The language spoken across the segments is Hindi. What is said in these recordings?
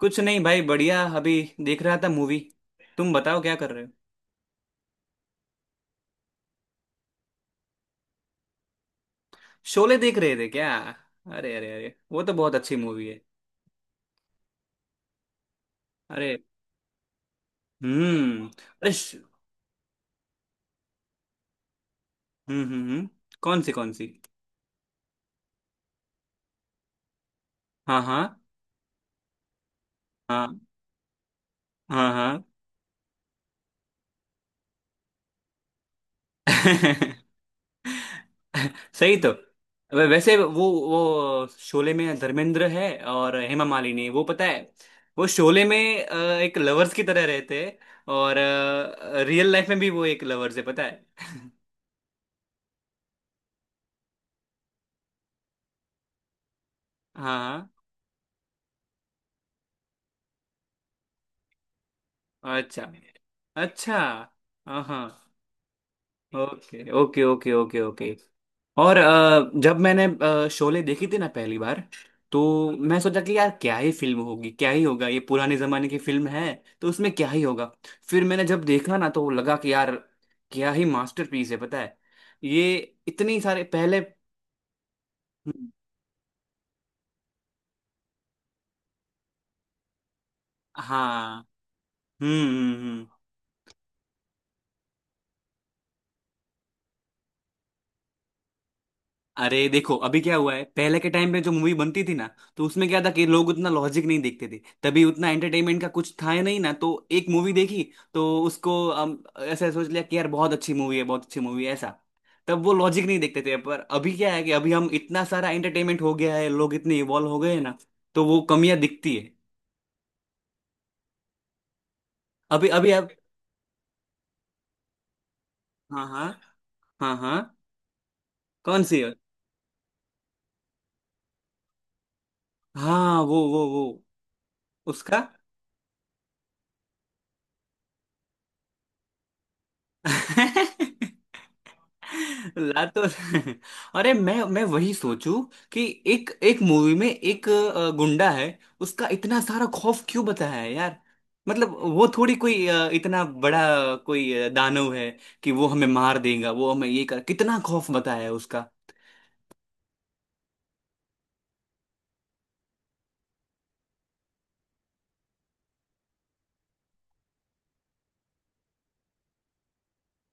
कुछ नहीं भाई, बढ़िया। अभी देख रहा था मूवी। तुम बताओ, क्या कर रहे हो? शोले देख रहे थे क्या? अरे अरे अरे, वो तो बहुत अच्छी मूवी है। अरे। हम्म। अरे हम्म हम्म हम्म। कौन सी, कौन सी? हाँ, हाँ, हाँ, हाँ, हाँ। सही तो। वैसे वो शोले में धर्मेंद्र है और हेमा मालिनी, वो पता है? वो शोले में अ, एक लवर्स की तरह रहते हैं। और रियल लाइफ में भी वो एक लवर्स है, पता है? हाँ। अच्छा, अच्छा। हाँ, हाँ। Okay, okay, okay, okay, okay. और जब मैंने शोले देखी थी ना पहली बार, तो मैं सोचा कि यार क्या ही फिल्म होगी, क्या ही होगा, ये पुराने जमाने की फिल्म है तो उसमें क्या ही होगा। फिर मैंने जब देखा ना, तो लगा कि यार क्या ही मास्टरपीस है, पता है। ये इतनी सारे पहले। हम्म, हाँ। हम्म हम्म हम्म। अरे देखो अभी क्या हुआ है। पहले के टाइम पे जो मूवी बनती थी ना, तो उसमें क्या था कि लोग उतना लॉजिक नहीं देखते थे, तभी उतना एंटरटेनमेंट का कुछ था ही नहीं ना। तो एक मूवी देखी तो उसको हम ऐसा सोच लिया कि यार बहुत अच्छी मूवी है, बहुत अच्छी मूवी है ऐसा। तब वो लॉजिक नहीं देखते थे, पर अभी क्या है कि अभी हम इतना सारा एंटरटेनमेंट हो गया है, लोग इतने इवॉल्व हो गए हैं ना, तो वो कमियां दिखती है। अभी अभी आप। हाँ, हाँ। हाँ, हाँ। कौन सी है? हाँ, वो वो उसका। ला तो। अरे मैं वही सोचूं कि एक एक मूवी में एक गुंडा है, उसका इतना सारा खौफ क्यों बताया है यार? मतलब वो थोड़ी कोई इतना बड़ा कोई दानव है कि वो हमें मार देगा? वो हमें ये कर, कितना खौफ बताया है उसका।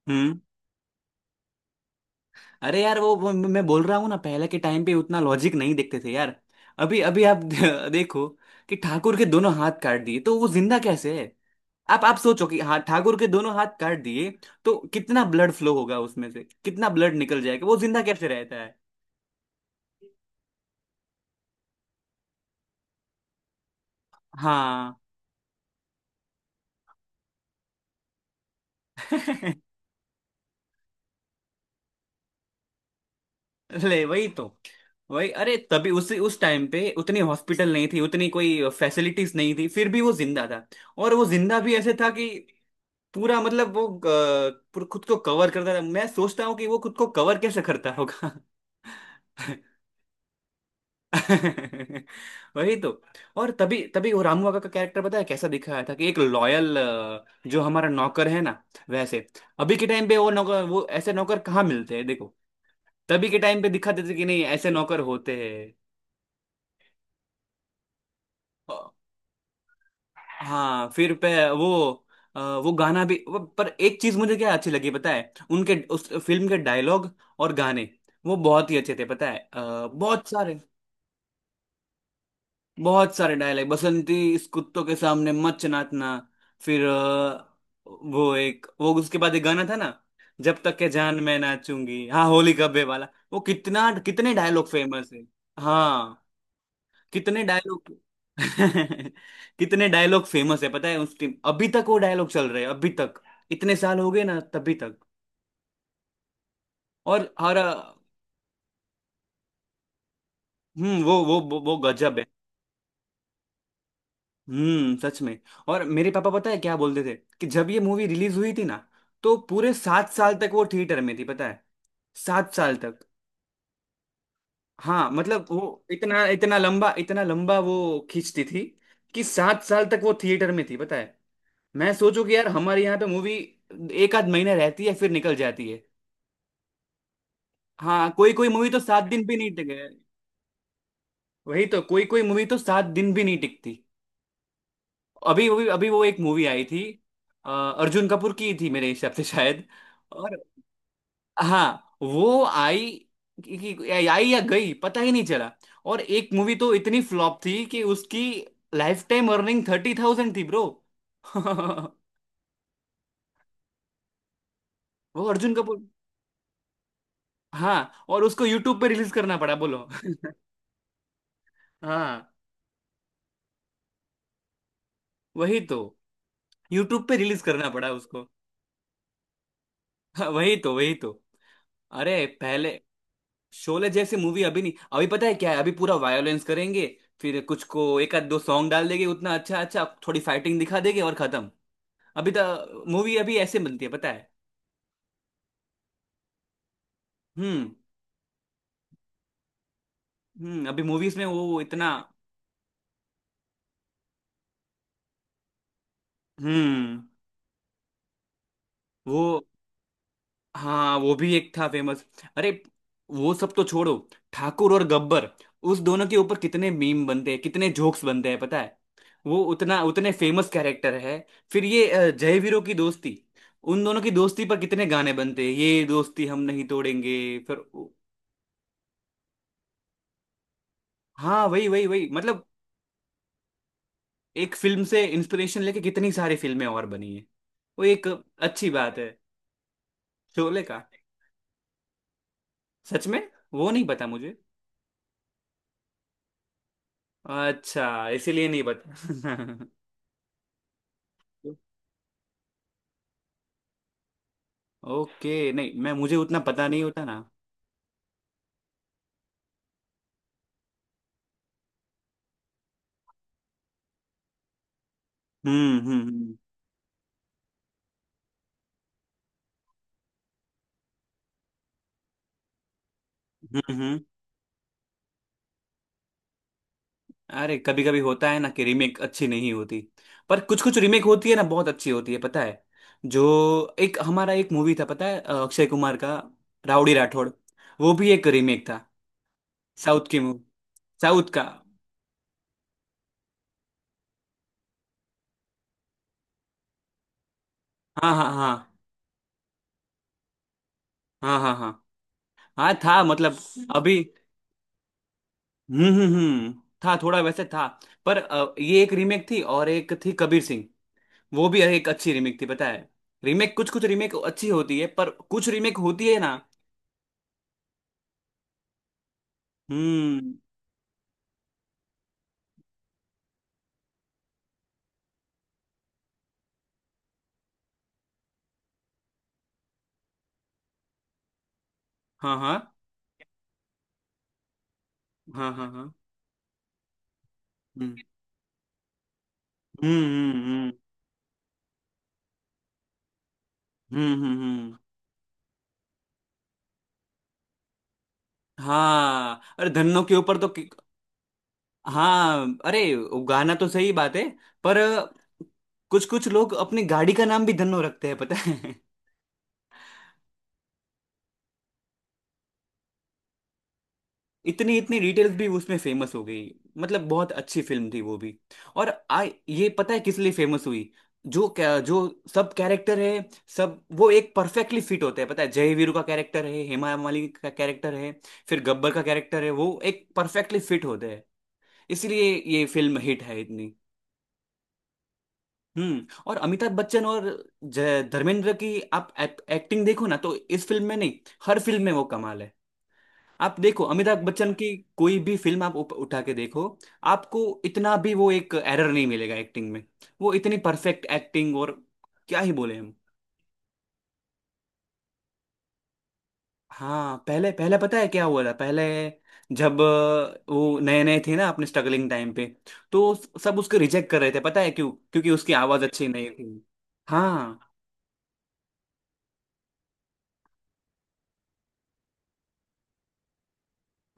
हम्म। अरे यार वो मैं बोल रहा हूँ ना, पहले के टाइम पे उतना लॉजिक नहीं देखते थे यार। अभी अभी आप देखो कि ठाकुर के दोनों हाथ काट दिए तो वो जिंदा कैसे है? आप सोचो कि, हाँ ठाकुर के दोनों हाथ काट दिए तो कितना ब्लड फ्लो होगा, उसमें से कितना ब्लड निकल जाएगा, वो जिंदा कैसे रहता है? हाँ। ले, वही तो। वही, अरे तभी उस टाइम पे उतनी हॉस्पिटल नहीं थी, उतनी कोई फैसिलिटीज नहीं थी, फिर भी वो जिंदा था। और वो जिंदा भी ऐसे था कि पूरा, मतलब वो पूरा खुद को कवर करता था। मैं सोचता हूँ कि वो खुद को कवर कैसे करता होगा। वही तो। और तभी तभी वो रामू काका का कैरेक्टर पता है कैसा दिखाया था, कि एक लॉयल, जो हमारा नौकर है ना, वैसे। अभी के टाइम पे वो नौकर, वो ऐसे नौकर कहाँ मिलते हैं, देखो। तभी के टाइम पे दिखा देते कि नहीं, ऐसे नौकर होते हैं। अ, हाँ, फिर पे वो, वो गाना भी, वो, पर एक चीज मुझे क्या अच्छी लगी पता है, उनके उस फिल्म के डायलॉग और गाने, वो बहुत ही अच्छे थे, पता है, बहुत सारे। बहुत सारे डायलॉग, बसंती इस कुत्तों के सामने मत नाचना। फिर वो एक, वो उसके बाद एक गाना था ना, जब तक के जान मैं नाचूंगी, हाँ, होली कब्बे वाला। वो कितना, कितने डायलॉग फेमस है। हाँ, कितने डायलॉग। कितने डायलॉग फेमस है, पता है, उस टीम अभी तक वो डायलॉग चल रहे हैं अभी तक। इतने साल हो गए ना, तभी तक। और हर, वो वो गजब है। सच में। और मेरे पापा पता है क्या बोलते थे, कि जब ये मूवी रिलीज हुई थी ना, तो पूरे 7 साल तक वो थिएटर में थी, पता है। 7 साल तक। हाँ, मतलब वो इतना इतना लंबा, इतना लंबा वो खींचती थी कि 7 साल तक वो थिएटर में थी, पता है। मैं सोचू कि यार हमारे यहाँ पे मूवी एक आध महीना रहती है, फिर निकल जाती है। हाँ, कोई कोई मूवी तो 7 दिन भी नहीं टिके। वही तो, कोई कोई मूवी तो सात दिन भी नहीं टिकती। अभी अभी अभी वो एक मूवी आई थी, अर्जुन कपूर की थी मेरे हिसाब से शायद। और हाँ, वो आई कि, आई या गई पता ही नहीं चला। और एक मूवी तो इतनी फ्लॉप थी कि उसकी लाइफ टाइम अर्निंग 30,000 थी, ब्रो। वो अर्जुन कपूर। हाँ, और उसको यूट्यूब पे रिलीज करना पड़ा, बोलो। हाँ, वही तो। यूट्यूब पे रिलीज करना पड़ा उसको। हाँ, वही तो, वही तो। अरे पहले, शोले जैसी मूवी अभी नहीं। अभी पता है क्या है, अभी पूरा वायोलेंस करेंगे, फिर कुछ को एक आध दो सॉन्ग डाल देंगे, उतना अच्छा अच्छा, थोड़ी फाइटिंग दिखा देंगे और खत्म। अभी तो मूवी अभी ऐसे बनती है, पता है। हम्म हम्म। अभी मूवीज में वो इतना। हम्म। वो, हाँ, वो भी एक था फेमस। अरे वो सब तो छोड़ो, ठाकुर और गब्बर, उस दोनों के ऊपर कितने मीम बनते हैं, कितने जोक्स बनते हैं, पता है। वो उतना, उतने फेमस कैरेक्टर है। फिर ये जय वीरों की दोस्ती, उन दोनों की दोस्ती पर कितने गाने बनते हैं, ये दोस्ती हम नहीं तोड़ेंगे। फिर, हाँ, वही, वही, वही, मतलब एक फिल्म से इंस्पिरेशन लेके कितनी सारी फिल्में और बनी है। वो एक, अच्छी बात है। शोले का। सच में। वो नहीं पता मुझे। अच्छा, इसीलिए नहीं पता। ओके, नहीं, मैं मुझे उतना पता नहीं होता ना। हम्म हम्म हम्म हम्म हम्म। अरे कभी कभी होता है ना कि रीमेक अच्छी नहीं होती, पर कुछ कुछ रीमेक होती है ना, बहुत अच्छी होती है, पता है। जो, एक हमारा एक मूवी था पता है, अक्षय कुमार का, राउडी राठौड़। वो भी एक रीमेक था। साउथ की मूवी, साउथ का। हाँ, हाँ, हाँ, हाँ, हाँ, हाँ, हाँ था, मतलब। अभी। हम्म। था, थोड़ा वैसे था। पर ये एक रीमेक थी, और एक थी कबीर सिंह। वो भी एक अच्छी रीमेक थी, पता है। रीमेक, कुछ कुछ रीमेक अच्छी होती है, पर कुछ रीमेक होती है ना। हम्म। हाँ, हाँ, हाँ, हाँ, हाँ। हम्म हम्म। हम्म, हम्म। हाँ, अरे धन्नो के ऊपर तो हाँ, अरे, गाना तो सही बात है, पर कुछ कुछ लोग अपनी गाड़ी का नाम भी धन्नो रखते हैं, पता है। इतनी इतनी डिटेल्स भी उसमें फेमस हो गई। मतलब बहुत अच्छी फिल्म थी वो भी। और आ ये पता है किस लिए फेमस हुई? जो, क्या, जो सब कैरेक्टर है, सब वो एक परफेक्टली फिट होते हैं, पता है, जय वीरू का कैरेक्टर है, हेमा मालिनी का कैरेक्टर है, फिर गब्बर का कैरेक्टर है, वो एक परफेक्टली फिट होते हैं, इसलिए ये फिल्म हिट है इतनी। हम्म, और अमिताभ बच्चन और धर्मेंद्र की आप एक्टिंग देखो ना, तो इस फिल्म में नहीं, हर फिल्म में वो कमाल है। आप देखो अमिताभ बच्चन की कोई भी फिल्म आप उठा के देखो, आपको इतना भी वो एक एरर नहीं मिलेगा एक्टिंग में, वो इतनी परफेक्ट एक्टिंग, और क्या ही बोले हम। हाँ, पहले पहले पता है क्या हुआ था पहले, जब वो नए नए थे ना अपने स्ट्रगलिंग टाइम पे, तो सब उसको रिजेक्ट कर रहे थे पता है क्यों, क्योंकि उसकी आवाज अच्छी नहीं थी। हाँ।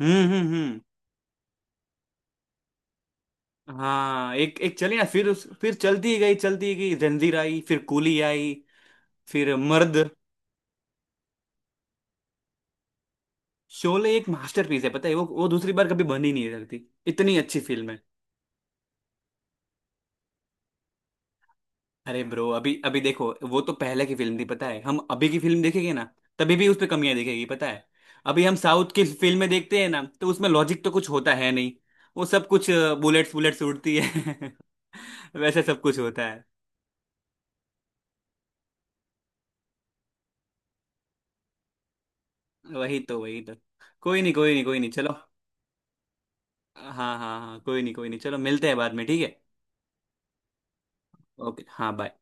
हम्म। हाँ, एक एक चली ना, फिर उस, फिर चलती गई, चलती गई, जंजीर आई, फिर कूली आई, फिर मर्द। शोले एक मास्टरपीस है, पता है, वो दूसरी बार कभी बन ही नहीं सकती, इतनी अच्छी फिल्म है। अरे ब्रो, अभी अभी देखो, वो तो पहले की फिल्म थी, पता है, हम अभी की फिल्म देखेंगे ना, तभी भी उस पे कमियां दिखेगी, पता है। अभी हम साउथ की फिल्में देखते हैं ना, तो उसमें लॉजिक तो कुछ होता है नहीं। वो सब कुछ, बुलेट्स बुलेट्स उड़ती है। वैसे सब कुछ होता है। वही तो, वही तो। कोई नहीं, कोई नहीं, कोई नहीं, चलो। हाँ, हाँ, हाँ, कोई नहीं, कोई नहीं, चलो, मिलते हैं बाद में, ठीक है? ओके, हाँ, बाय।